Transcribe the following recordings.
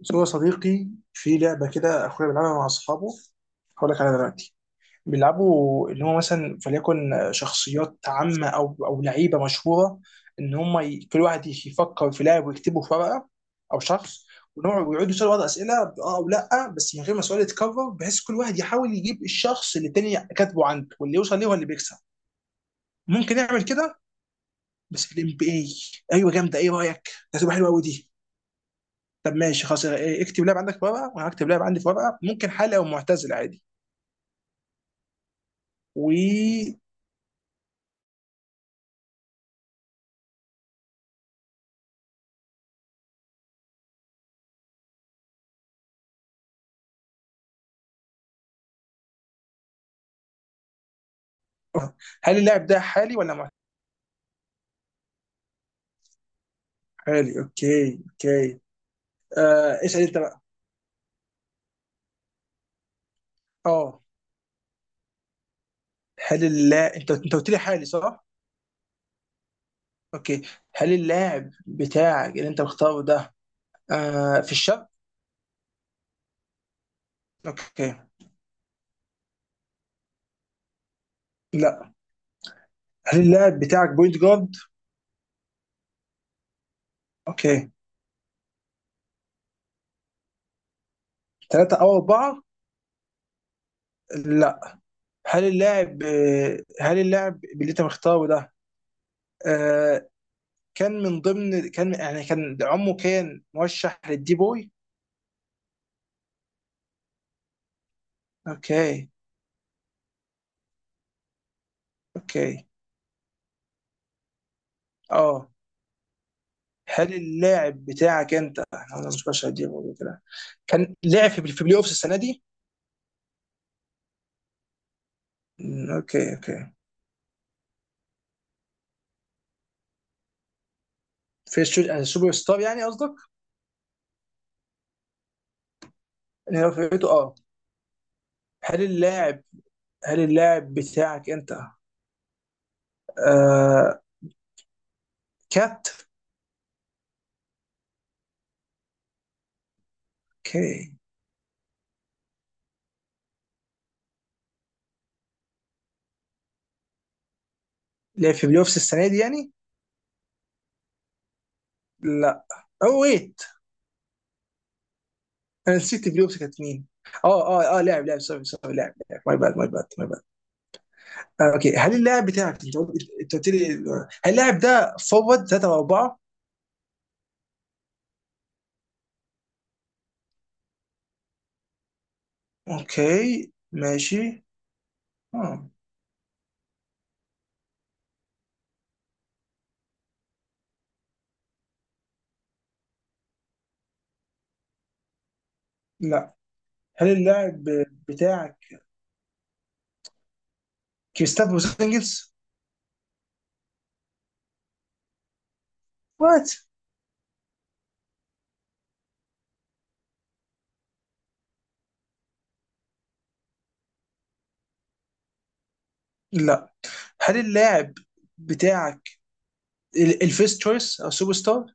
بس هو صديقي في لعبة كده أخويا بيلعبها مع أصحابه. هقول لك عليها دلوقتي. بيلعبوا اللي هو مثلا فليكن شخصيات عامة أو لعيبة مشهورة. كل واحد يفكر في لاعب ويكتبه في ورقة أو شخص، ونقعد ويقعدوا يسألوا بعض أسئلة بأه أو لأ، بس من غير ما السؤال يتكرر، بحيث كل واحد يحاول يجيب الشخص اللي التاني كاتبه عنده، واللي يوصل ليه هو اللي بيكسب. ممكن نعمل كده. بس في الام بي اي. ايوه جامده، ايه رايك؟ ده تبقى حلوه قوي دي. طب ماشي خلاص إيه، اكتب لاعب عندك في ورقه وانا هكتب لاعب عندي في ورقه، ممكن حالي او معتزل عادي. و هل اللاعب ده حالي ولا معتزل؟ حالي، اوكي اوكي. آه، اسال انت بقى. اه، هل اللاعب انت قلت لي حالي صح؟ اوكي. هل اللاعب بتاعك اللي انت مختاره ده آه، في الشرق؟ اوكي. لا. هل اللاعب بتاعك بوينت جارد؟ اوكي. ثلاثة او اربعة؟ لا. هل اللاعب هل اللاعب اللي انت مختاره ده آه، كان من ضمن كان يعني كان عمه كان مرشح للدي بوي. اوكي اوكي. اه، هل اللاعب بتاعك انت، انا مش مرشح للدي بوي كده. كان لعب في بلاي اوفس السنه دي. اوكي اوكي. في يعني السوبر ستار يعني قصدك؟ اللي هو فرقته اه. هل اللاعب، هل اللاعب بتاعك انت آه، كات. اوكي. لعب في بلاي اوفس السنه دي يعني؟ لا. او ويت، انا نسيت البلاي اوفس كانت مين. اه اه اه، لاعب سوري سوري لاعب ماي باد ماي باد ماي باد. آه، اوكي. هل اللاعب بتاعك انت قلت لي هل اللاعب ده فورورد ثلاثة وأربعة؟ اوكي ماشي. آه. لا. هل اللاعب بتاعك كريستافو سانجلز؟ وات؟ لا. هل اللاعب بتاعك الفيست تشويس او سوبر ستار؟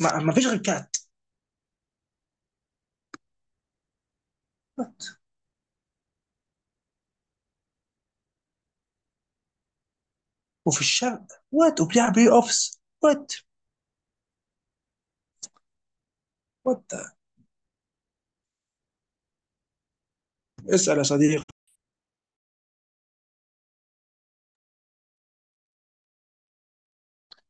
ما فيش غير كات. وات؟ وفي الشرق، وات، وبيلعب بلاي اوفس، وات وات. اسأل يا صديقي.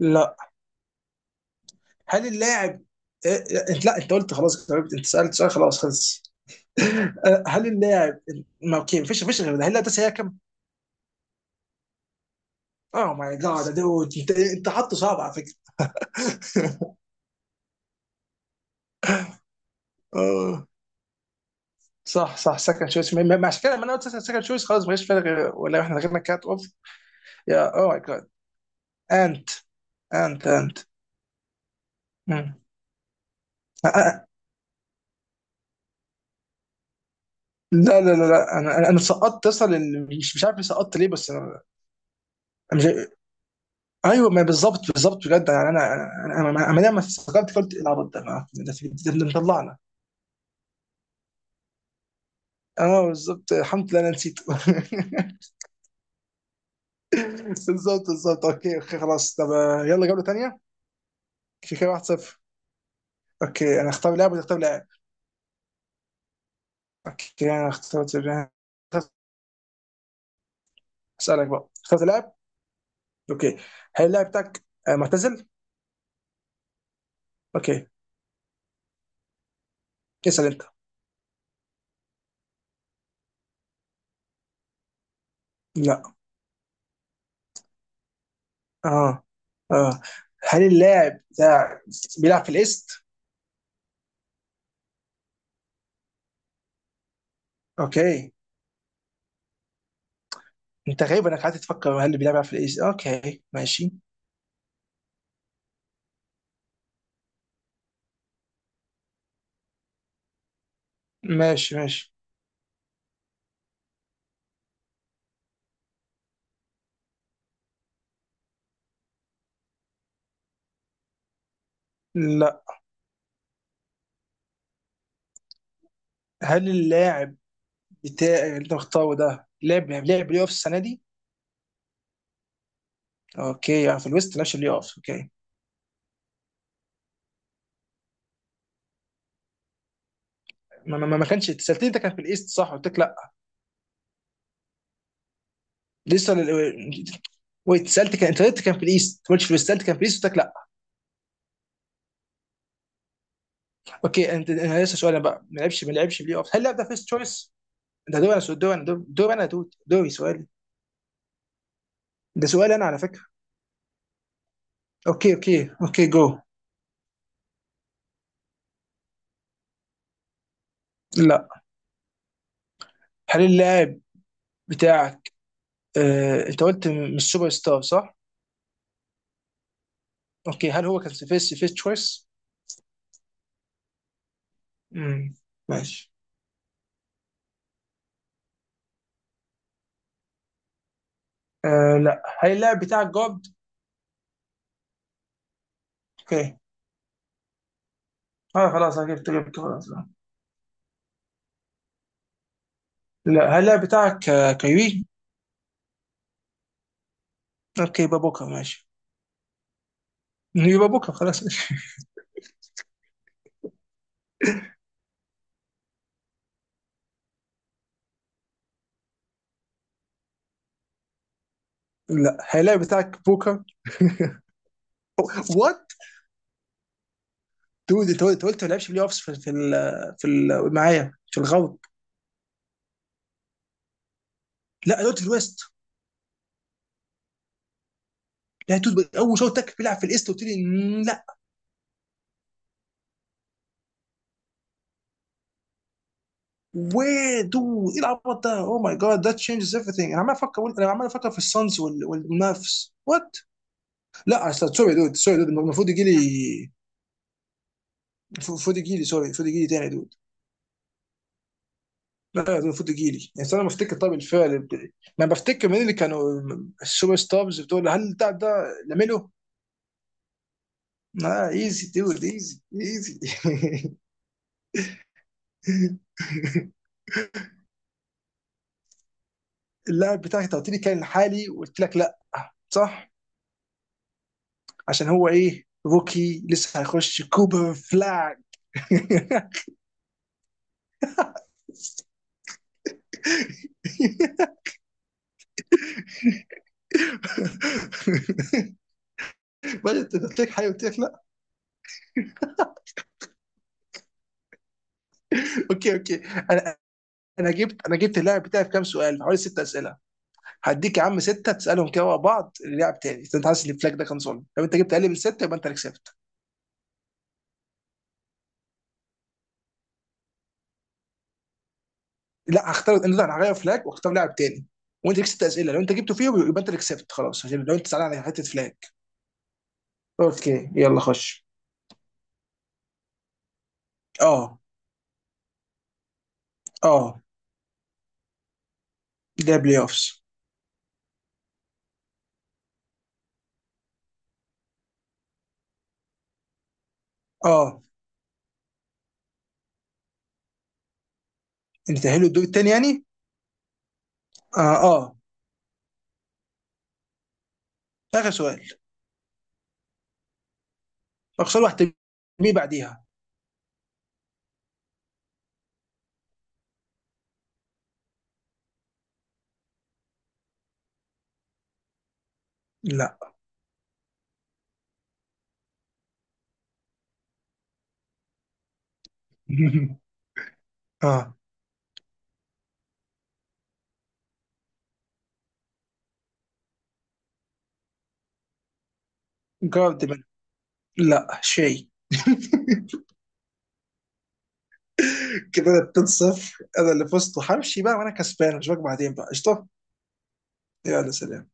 لا. هل اللاعب لا، انت قلت خلاص جاوبت، انت سالت سؤال خلاص خلص. آه، هل اللاعب. ما اوكي، مفيش غير ده، هل اللاعب ده سيهاكم؟ اوه ماي جاد دود، انت حاطه صعب على فكره. اه صح صح سكند شويس، عشان كده لما انا قلت سكند شويس خلاص ما فيش فرق ولا احنا غيرنا كات اوف. يا اوه ماي جاد، انت انت انت. مم. أ- أ- لا لا لا لا انا انا أنا سقطت اصلا مش عارف سقطت ليه، أنا مش. ايوه ما بالظبط بالظبط بجد يعني انا انا انا انا أنا لما استغربت قلت إيه العبط ده، ده مطلعنا. اه بالظبط الحمد لله انا نسيته. بالظبط بالظبط اوكي اوكي خلاص. طب آه، يلا جوله ثانيه. في كده 1-0. اوكي، انا اختار لاعب ولا اختار لاعب؟ اوكي انا اخترت لاعب. اسالك بقى، اخترت لاعب. اوكي. هل اللاعب بتاعك آه، معتزل؟ اوكي. اسال انت. لا. اه اه، هل اللاعب بتاعك بيلعب في الايست؟ اوكي. انت غريب انك قاعد تفكر هل اللاعب بيلعب في الايس. اوكي ماشي ماشي ماشي. لا. هل اللاعب بتاع اللي انت مختاره ده لعب يعني لعب بلاي اوف السنه دي؟ اوكي يعني في الويست لعبش بلاي اوف، اوكي. ما كانش سالتني انت كان في الايست صح؟ قلت لك لا. لسه ويت، سالت كان انت قلت كان في الايست، ما قلتش في الويست. سالت كان في الايست قلت لك لا. اوكي انت، انا لسه سؤال بقى، ما لعبش ما لعبش بلاي اوف، هل اللاعب ده فيست تشويس؟ ده دور انا دور انا دور انا دور دوري سؤالي. ده سؤال انا على فكره. اوكي اوكي اوكي جو. لا. هل اللاعب بتاعك آه، انت قلت مش سوبر ستار صح؟ اوكي. هل هو كان فيرست تشويس؟ امم ماشي. آه لا. هل اللاعب بتاعك جارد؟ اوكي. اه خلاص أنا جبت خلاص لا. لا، هل اللاعب بتاعك آه، كيوي؟ اوكي يبقى بوكر ماشي. يبقى بوكر خلاص. ماشي. لا. هل اللاعب بتاعك بوكر؟ وات؟ دود انت قلت أنت قلت ما لعبش بلاي اوفس معايا في الغرب. لا أنا قلت في الويست. لا دود اول شوط تك بيلعب في الايست قلت لي. لا. وي دو، ايه العبط ده، اوه ماي جاد ذات تشينجز ايفريثينج، انا عمال افكر في السانز والمافس وات. لا سوري دود سوري دود، المفروض يجي لي، سوري، المفروض يجي لي تاني دود. لا يا دود المفروض يجي لي يعني انا بفتكر طب الفعل بتاعي. ما بفتكر مين اللي كانوا السوبر ستارز بتوع، هل ده لاميلو؟ لا ايزي دود ايزي ايزي. اللاعب بتاعك انت قلت لي كان حالي وقلت لك لا، صح؟ عشان هو ايه روكي لسه هيخش كوبر فلاج. بدأت قلت لك حاجه قلت لك لا. اوكي اوكي. انا انا جبت اللاعب بتاعي في كام سؤال، في حوالي 6 اسئله. هديك يا عم 6 تسالهم كده ورا بعض للاعب تاني، إذا انت حاسس ان الفلاج ده كان ظلم. لو انت جبت اقل من 6 يبقى انت اللي كسبت. لا هختار، انت هغير فلاج واختار لاعب تاني، وانت ليك 6 اسئله، لو انت جبته فيهم يبقى انت اللي كسبت خلاص، عشان لو انت زعلان على حته فلاج. اوكي يلا خش. اه. اه. ده بلاي اوفس. اه، انت تاهلوا الدور التاني يعني؟ اه اه. اخر سؤال. اخسر واحد تجميع بعديها. لا. اه جاردمان. لا شيء. كده انا 2-0، انا اللي فزت وهمشي بقى وانا كسبان، اشوفك بعدين بقى قشطه. يلا سلام.